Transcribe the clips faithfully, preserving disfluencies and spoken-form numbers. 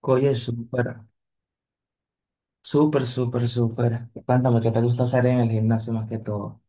Oye, súper, súper, súper, súper. Cuéntame, ¿qué te gusta hacer en el gimnasio más que todo?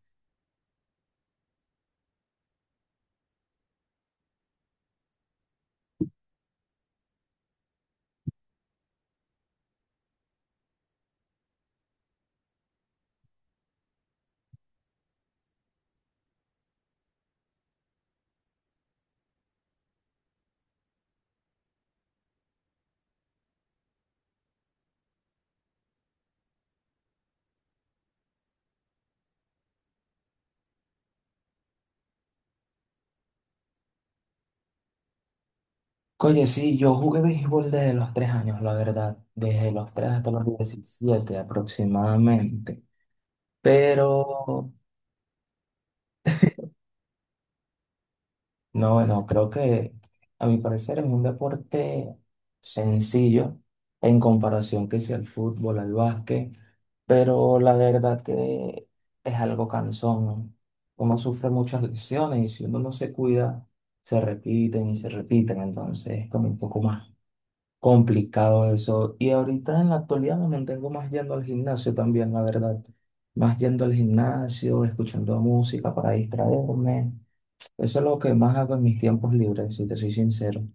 Oye, sí, yo jugué béisbol desde los tres años, la verdad. Desde los tres hasta los diecisiete aproximadamente. Mm. Pero No, no, creo que a mi parecer es un deporte sencillo en comparación que sea al fútbol, al básquet, pero la verdad que es algo cansón, ¿no? Uno sufre muchas lesiones y si uno no se cuida, se repiten y se repiten, entonces es como un poco más complicado eso. Y ahorita en la actualidad me mantengo más yendo al gimnasio también, la verdad, más yendo al gimnasio, escuchando música para distraerme. Eso es lo que más hago en mis tiempos libres, si te soy sincero.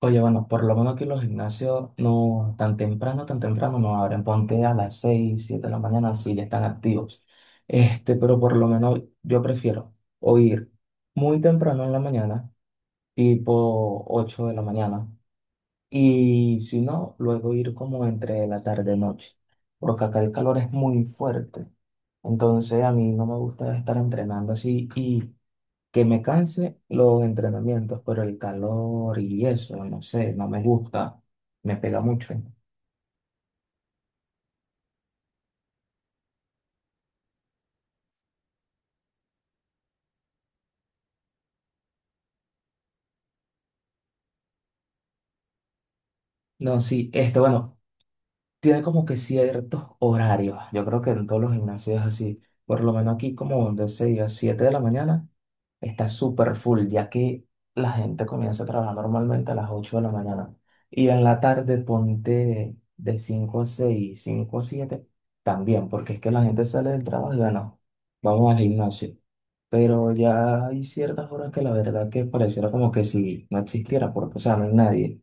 Oye, bueno, por lo menos aquí los gimnasios no tan temprano, tan temprano no abren. Ponte a las seis siete de la mañana, sí, ya están activos. Este, pero por lo menos yo prefiero o ir muy temprano en la mañana, tipo ocho de la mañana, y si no, luego ir como entre la tarde y noche, porque acá el calor es muy fuerte. Entonces a mí no me gusta estar entrenando así y que me canse los entrenamientos, pero el calor y eso, no sé, no me gusta, me pega mucho. No, sí, este, bueno, tiene como que ciertos horarios. Yo creo que en todos los gimnasios es así. Por lo menos aquí como de seis a siete de la mañana está súper full, ya que la gente comienza a trabajar normalmente a las ocho de la mañana. Y en la tarde ponte de cinco a seis, cinco a siete también, porque es que la gente sale del trabajo y bueno, vamos al gimnasio. Pero ya hay ciertas horas que la verdad que pareciera como que si no existiera, porque, o sea, no hay nadie.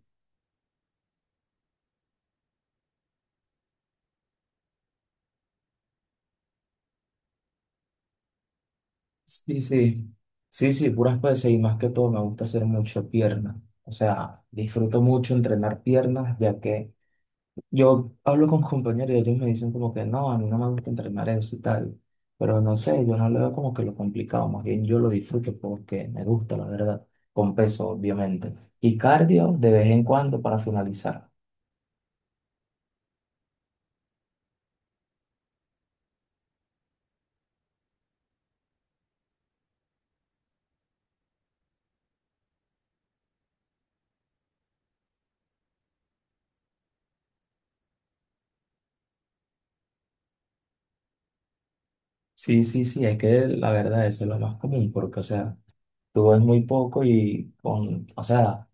Sí, sí. Sí, sí, puras pesas y más que todo me gusta hacer mucho piernas. O sea, disfruto mucho entrenar piernas, ya que yo hablo con compañeros y ellos me dicen como que no, a mí no me gusta entrenar eso y tal. Pero no sé, yo no le veo como que lo complicado, más bien yo lo disfruto porque me gusta, la verdad, con peso, obviamente. Y cardio de vez en cuando para finalizar. Sí, sí, sí, es que la verdad eso es lo más común, porque, o sea, tú ves muy poco y con, o sea,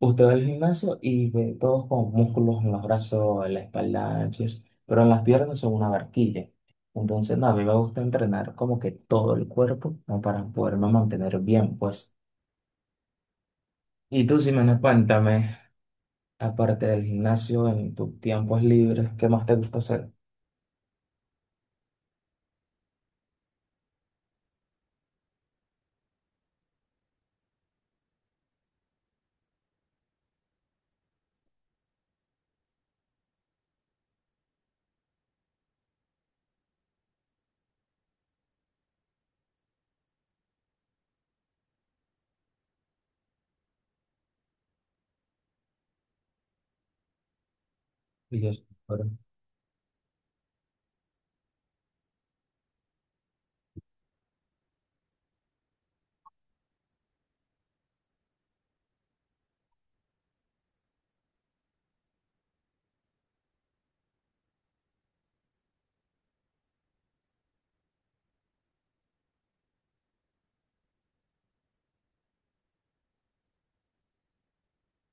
usted va al gimnasio y ve todos con músculos en los brazos, en la espalda, anchos, pero en las piernas son una barquilla. Entonces, no, a mí me gusta entrenar como que todo el cuerpo, ¿no? Para poderme mantener bien, pues. Y tú, Ximena, cuéntame, aparte del gimnasio, en tus tiempos libres, ¿qué más te gusta hacer? Y yo,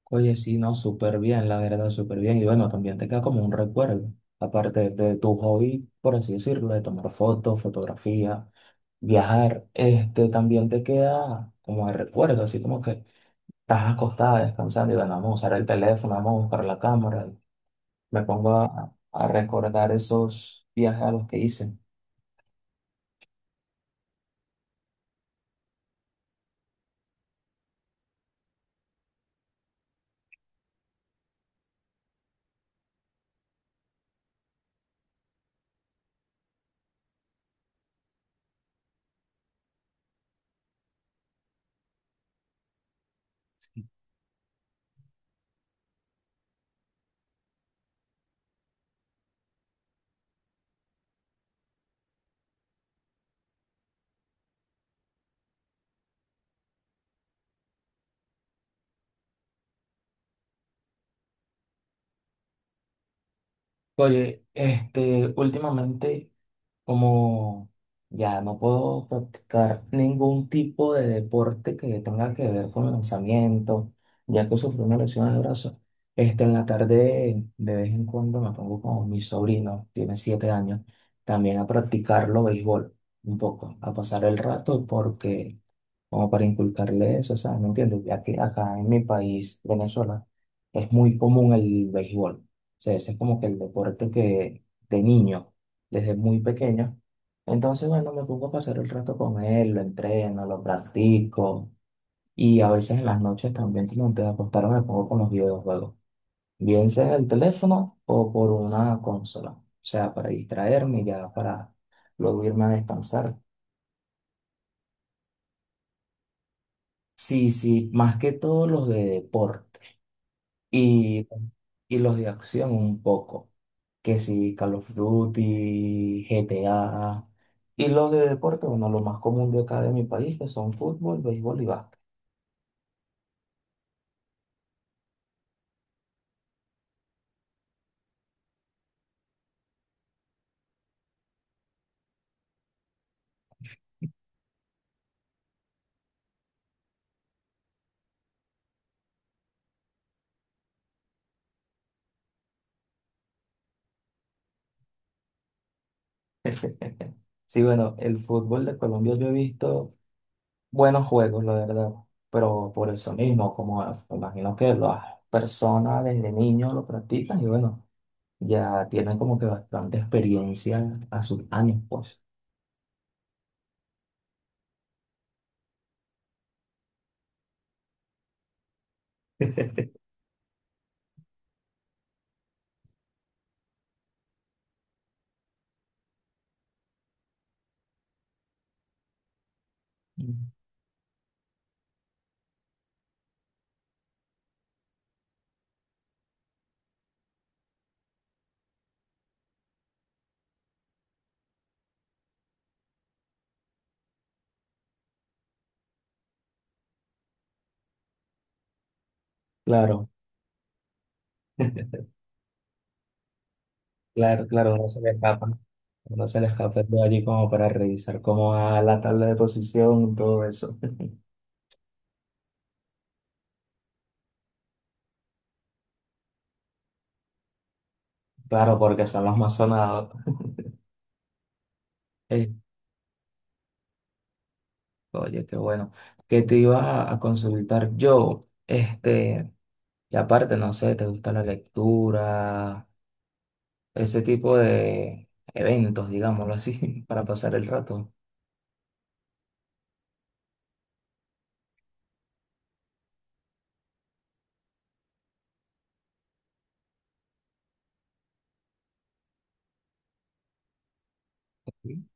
Oye, sí, no, súper bien, la verdad, súper bien. Y bueno, también te queda como un recuerdo, aparte de tu hobby, por así decirlo, de tomar fotos, fotografía, viajar, este, también te queda como de recuerdo, así como que estás acostada descansando y bueno, vamos a usar el teléfono, vamos a buscar la cámara. Me pongo a, a recordar esos viajes a los que hice. Oye, este, últimamente... Como ya no puedo practicar ningún tipo de deporte que tenga que ver con lanzamiento, ya que sufrí una lesión en el brazo, este, en la tarde de vez en cuando me pongo con mi sobrino, tiene siete años, también a practicarlo béisbol un poco, a pasar el rato porque como para inculcarle eso, ¿sabes? ¿Me entiendes? Ya que acá en mi país, Venezuela, es muy común el béisbol. O sea, ese es como que el deporte que de niño, desde muy pequeño. Entonces, bueno, me pongo a pasar el rato con él, lo entreno, lo practico. Y a veces en las noches también, como antes de acostarme, me pongo con los videojuegos. Bien sea en el teléfono o por una consola. O sea, para distraerme y ya para luego irme a descansar. Sí, sí, más que todo los de deporte. Y, y los de acción un poco, que si Call of Duty, G T A, y los de deporte, bueno, lo más común de acá de mi país, que son fútbol, béisbol y básquet. Sí, bueno, el fútbol de Colombia yo he visto buenos juegos, la verdad, pero por eso mismo, como me imagino que las personas desde niños lo practican y bueno, ya tienen como que bastante experiencia a sus años, pues. Claro, claro, claro, no se me escapa. No se le escape de allí como para revisar cómo va la tabla de posición, todo eso. Claro, porque son los más sonados. Eh, oye, qué bueno. ¿Qué te iba a consultar yo? Este, y aparte, no sé, ¿te gusta la lectura? Ese tipo de eventos, digámoslo así, para pasar el rato. Sí.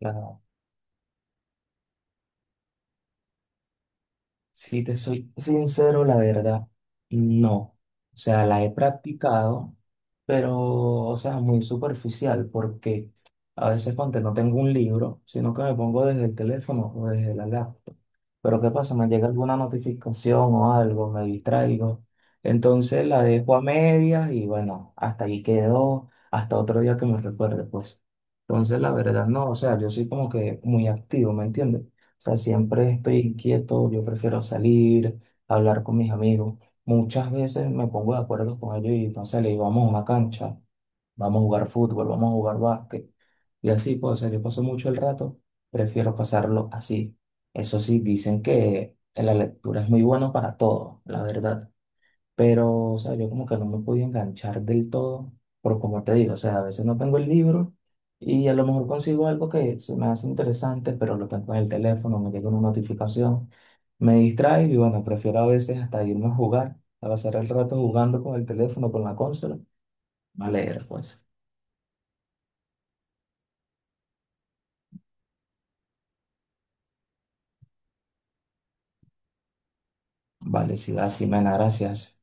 Claro. Si te soy sincero, la verdad, no. O sea, la he practicado pero, o sea, muy superficial, porque a veces ponte, no tengo un libro, sino que me pongo desde el teléfono o desde la laptop. Pero ¿qué pasa? Me llega alguna notificación o algo, me distraigo. Entonces la dejo a medias y bueno, hasta ahí quedó, hasta otro día que me recuerde, pues. Entonces la verdad no, o sea, yo soy como que muy activo, ¿me entiendes? O sea, siempre estoy inquieto, yo prefiero salir, hablar con mis amigos. Muchas veces me pongo de acuerdo con ellos y entonces le digo, vamos a una cancha, vamos a jugar fútbol, vamos a jugar básquet. Y así, pues, o sea, yo paso mucho el rato, prefiero pasarlo así. Eso sí, dicen que la lectura es muy bueno para todo, la verdad. Pero, o sea, yo como que no me podía enganchar del todo, pero como te digo, o sea, a veces no tengo el libro y a lo mejor consigo algo que se me hace interesante, pero lo tengo en el teléfono, me llega una notificación, me distrae y bueno, prefiero a veces hasta irme a jugar, a pasar el rato jugando con el teléfono, con la consola, a leer, pues. Vale, sí, así, men, gracias.